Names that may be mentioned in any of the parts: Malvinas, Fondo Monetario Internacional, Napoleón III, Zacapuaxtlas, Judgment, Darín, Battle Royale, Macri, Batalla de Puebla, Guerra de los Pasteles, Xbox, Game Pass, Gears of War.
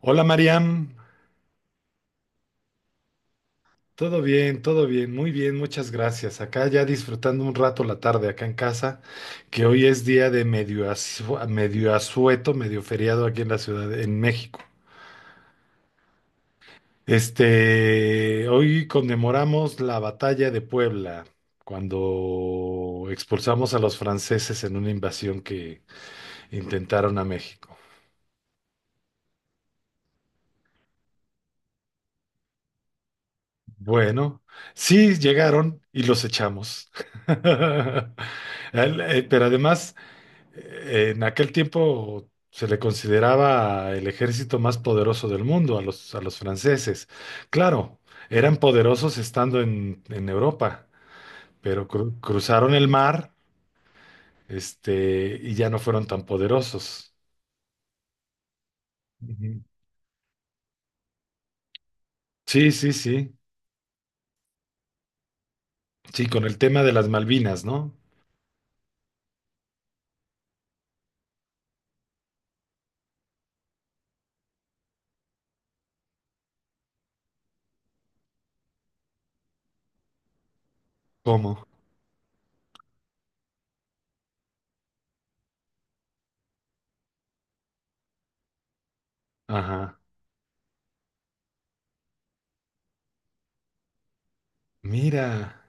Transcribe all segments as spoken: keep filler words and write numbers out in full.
Hola Mariam, todo bien, todo bien, muy bien, muchas gracias. Acá ya disfrutando un rato la tarde acá en casa, que hoy es día de medio, asu- medio asueto, medio feriado aquí en la ciudad, en México. Este, hoy conmemoramos la batalla de Puebla, cuando expulsamos a los franceses en una invasión que intentaron a México. Bueno, sí llegaron y los echamos. El- eh, Pero además... Eh, En aquel tiempo se le consideraba el ejército más poderoso del mundo a los, a los franceses. Claro, eran poderosos estando en, en Europa, pero cru- cruzaron el mar, este, y ya no fueron tan poderosos. Ujú. Sí, sí, sí. Sí, con el tema de las Malvinas, ¿no? ¿Cómo? Ajá. Mira.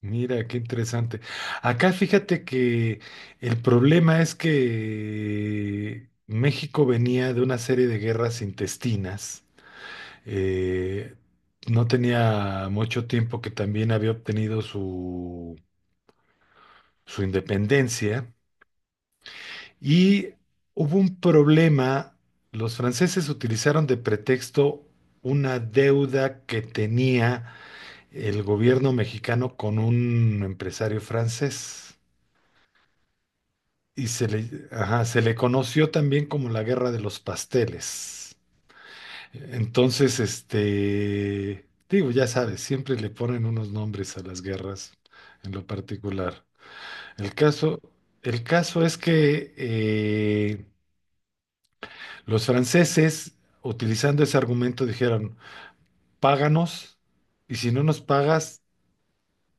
Mira, qué interesante. Acá fíjate que el problema es que México venía de una serie de guerras intestinas. Eh, no tenía mucho tiempo que también había obtenido su, su independencia y hubo un problema. Los franceses utilizaron de pretexto una deuda que tenía el gobierno mexicano con un empresario francés. Y se le, ajá, se le conoció también como la Guerra de los Pasteles. Entonces, este, digo, ya sabes, siempre le ponen unos nombres a las guerras en lo particular. El caso, el caso es que eh, los franceses, utilizando ese argumento, dijeron, páganos y si no nos pagas,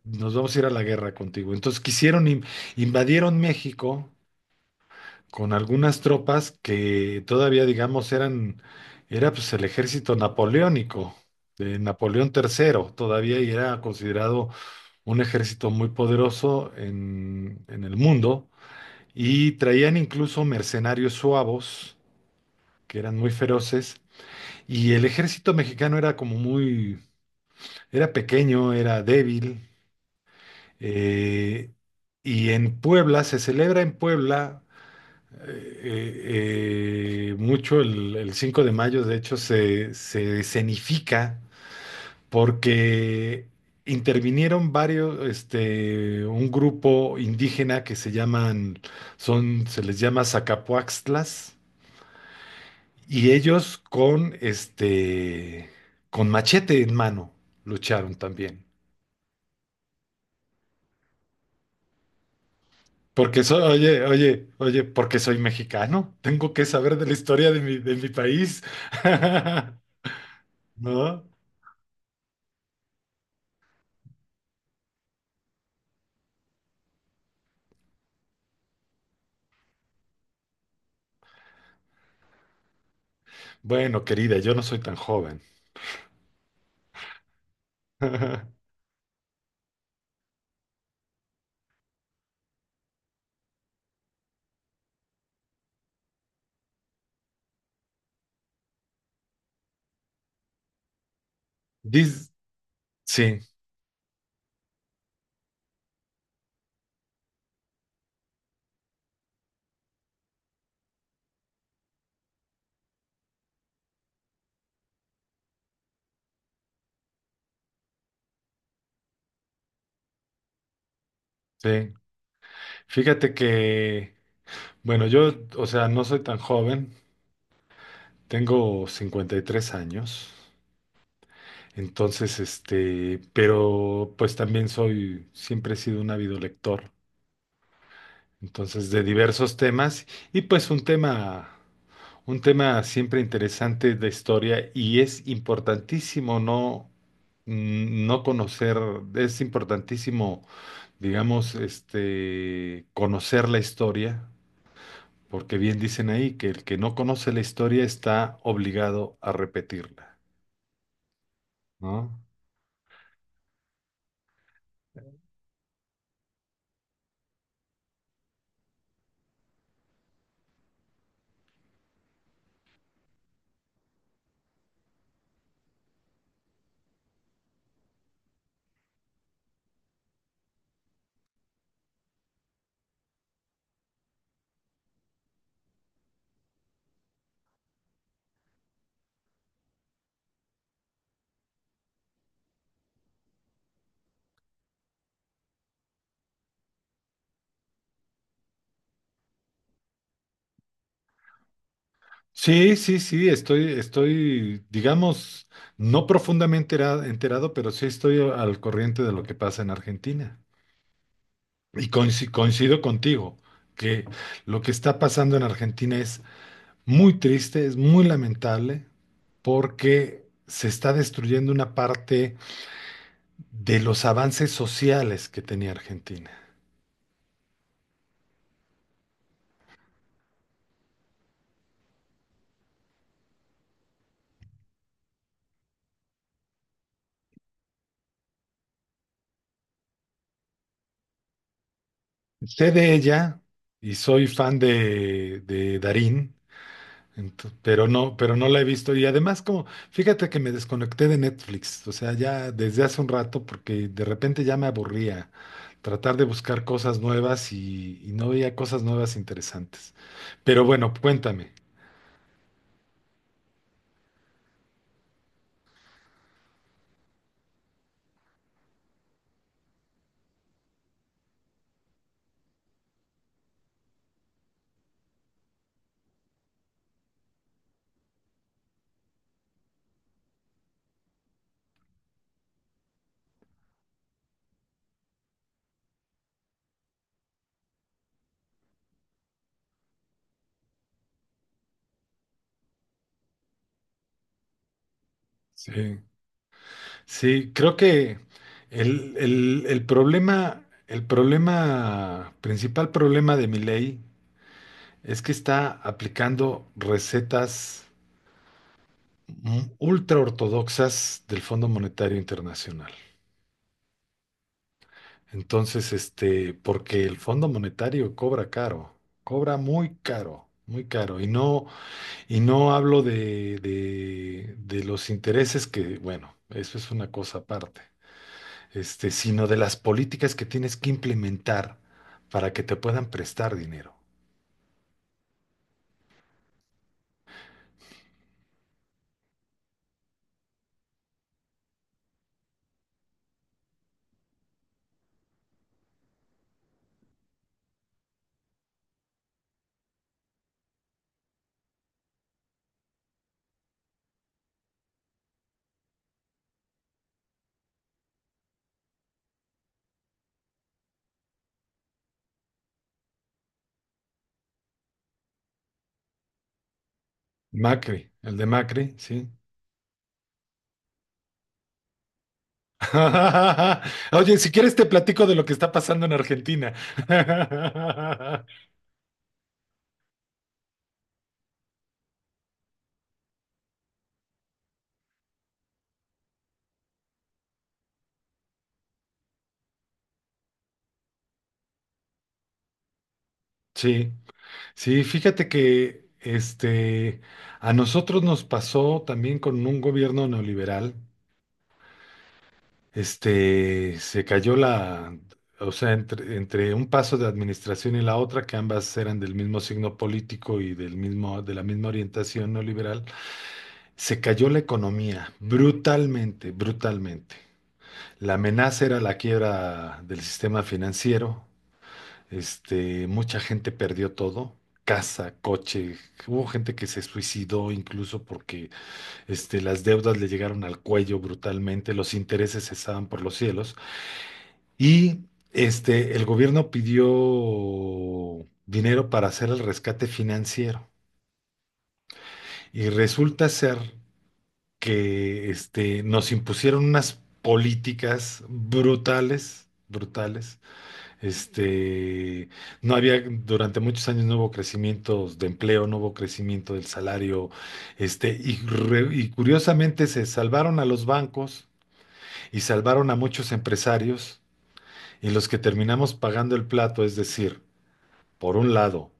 nos vamos a ir a la guerra contigo. Entonces quisieron, in- invadieron México con algunas tropas que todavía, digamos, eran, era pues el ejército napoleónico de Napoleón tercero, todavía y era considerado un ejército muy poderoso en, en el mundo, y traían incluso mercenarios suavos, que eran muy feroces, y el ejército mexicano era como muy, era pequeño, era débil, eh, y en Puebla, se celebra en Puebla eh, eh, mucho el, el cinco de mayo, de hecho, se, se escenifica porque intervinieron varios, este, un grupo indígena que se llaman, son, se les llama Zacapuaxtlas, y ellos con, este, con machete en mano lucharon también. Porque soy, oye, oye, oye, porque soy mexicano, tengo que saber de la historia de mi, de mi país, ¿no? Bueno, querida, yo no soy tan joven. Dis- sí, sí. Fíjate que, bueno, yo, o sea, no soy tan joven, tengo cincuenta y tres años, entonces, este, pero pues también soy, siempre he sido un ávido lector, entonces, de diversos temas, y pues un tema, un tema siempre interesante de historia, y es importantísimo no, mm, no conocer, es importantísimo digamos, este, conocer la historia, porque bien dicen ahí que el que no conoce la historia está obligado a repetirla, ¿no? Sí, sí, sí, estoy, estoy, digamos, no profundamente era- enterado, pero sí estoy al corriente de lo que pasa en Argentina. Y coinci- coincido contigo, que lo que está pasando en Argentina es muy triste, es muy lamentable, porque se está destruyendo una parte de los avances sociales que tenía Argentina. Sé de ella y soy fan de, de Darín, ento- pero no, pero no la he visto. Y además, como, fíjate que me desconecté de Netflix, o sea, ya desde hace un rato, porque de repente ya me aburría tratar de buscar cosas nuevas y, y no veía cosas nuevas interesantes. Pero bueno, cuéntame. Sí, sí, creo que el, el- el problema, el problema, principal problema de mi ley. Es que está aplicando recetas mm, ultra ortodoxas del Fondo Monetario Internacional. Entonces, este, porque el Fondo Monetario cobra caro, cobra muy caro, muy caro. Y no, y no hablo de, de, de los intereses que, bueno, eso es una cosa aparte, este, sino de las políticas que tienes que implementar para que te puedan prestar dinero. Macri, el de Macri, sí. Oye, si quieres te platico de lo que está pasando en Argentina. Sí, sí, fíjate que este a nosotros nos pasó también con un gobierno neoliberal. Este se cayó la, o sea, entre, entre un paso de administración y la otra, que ambas eran del mismo signo político y del mismo, de la misma orientación neoliberal, se cayó la economía brutalmente, brutalmente. La amenaza era la quiebra del sistema financiero. Este, mucha gente perdió todo, casa, coche. Hubo gente que se suicidó incluso porque este, las deudas le llegaron al cuello brutalmente, los intereses estaban por los cielos. Y este, el gobierno pidió dinero para hacer el rescate financiero. Y resulta ser que este, nos impusieron unas políticas brutales, brutales. Este, no había, durante muchos años no hubo crecimiento de empleo, no hubo crecimiento del salario, este, y, re- y curiosamente se salvaron a los bancos y salvaron a muchos empresarios y los que terminamos pagando el plato, es decir, por un lado,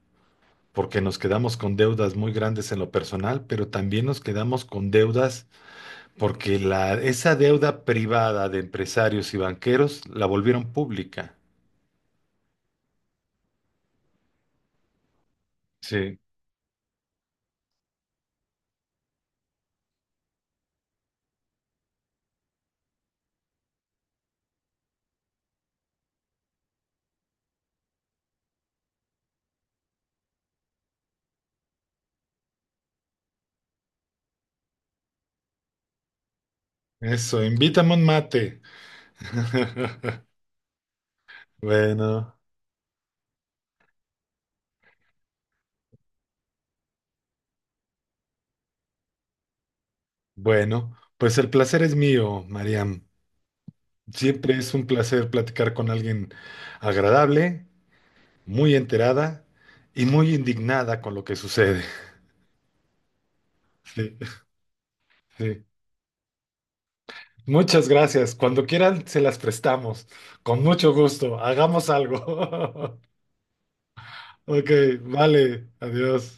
porque nos quedamos con deudas muy grandes en lo personal, pero también nos quedamos con deudas porque la, esa deuda privada de empresarios y banqueros la volvieron pública. Sí, eso, invítame un mate. Bueno, bueno, pues el placer es mío, Mariam. Siempre es un placer platicar con alguien agradable, muy enterada y muy indignada con lo que sucede. Sí, sí. Muchas gracias. Cuando quieran, se las prestamos. Con mucho gusto. Hagamos algo. Ok, vale. Adiós.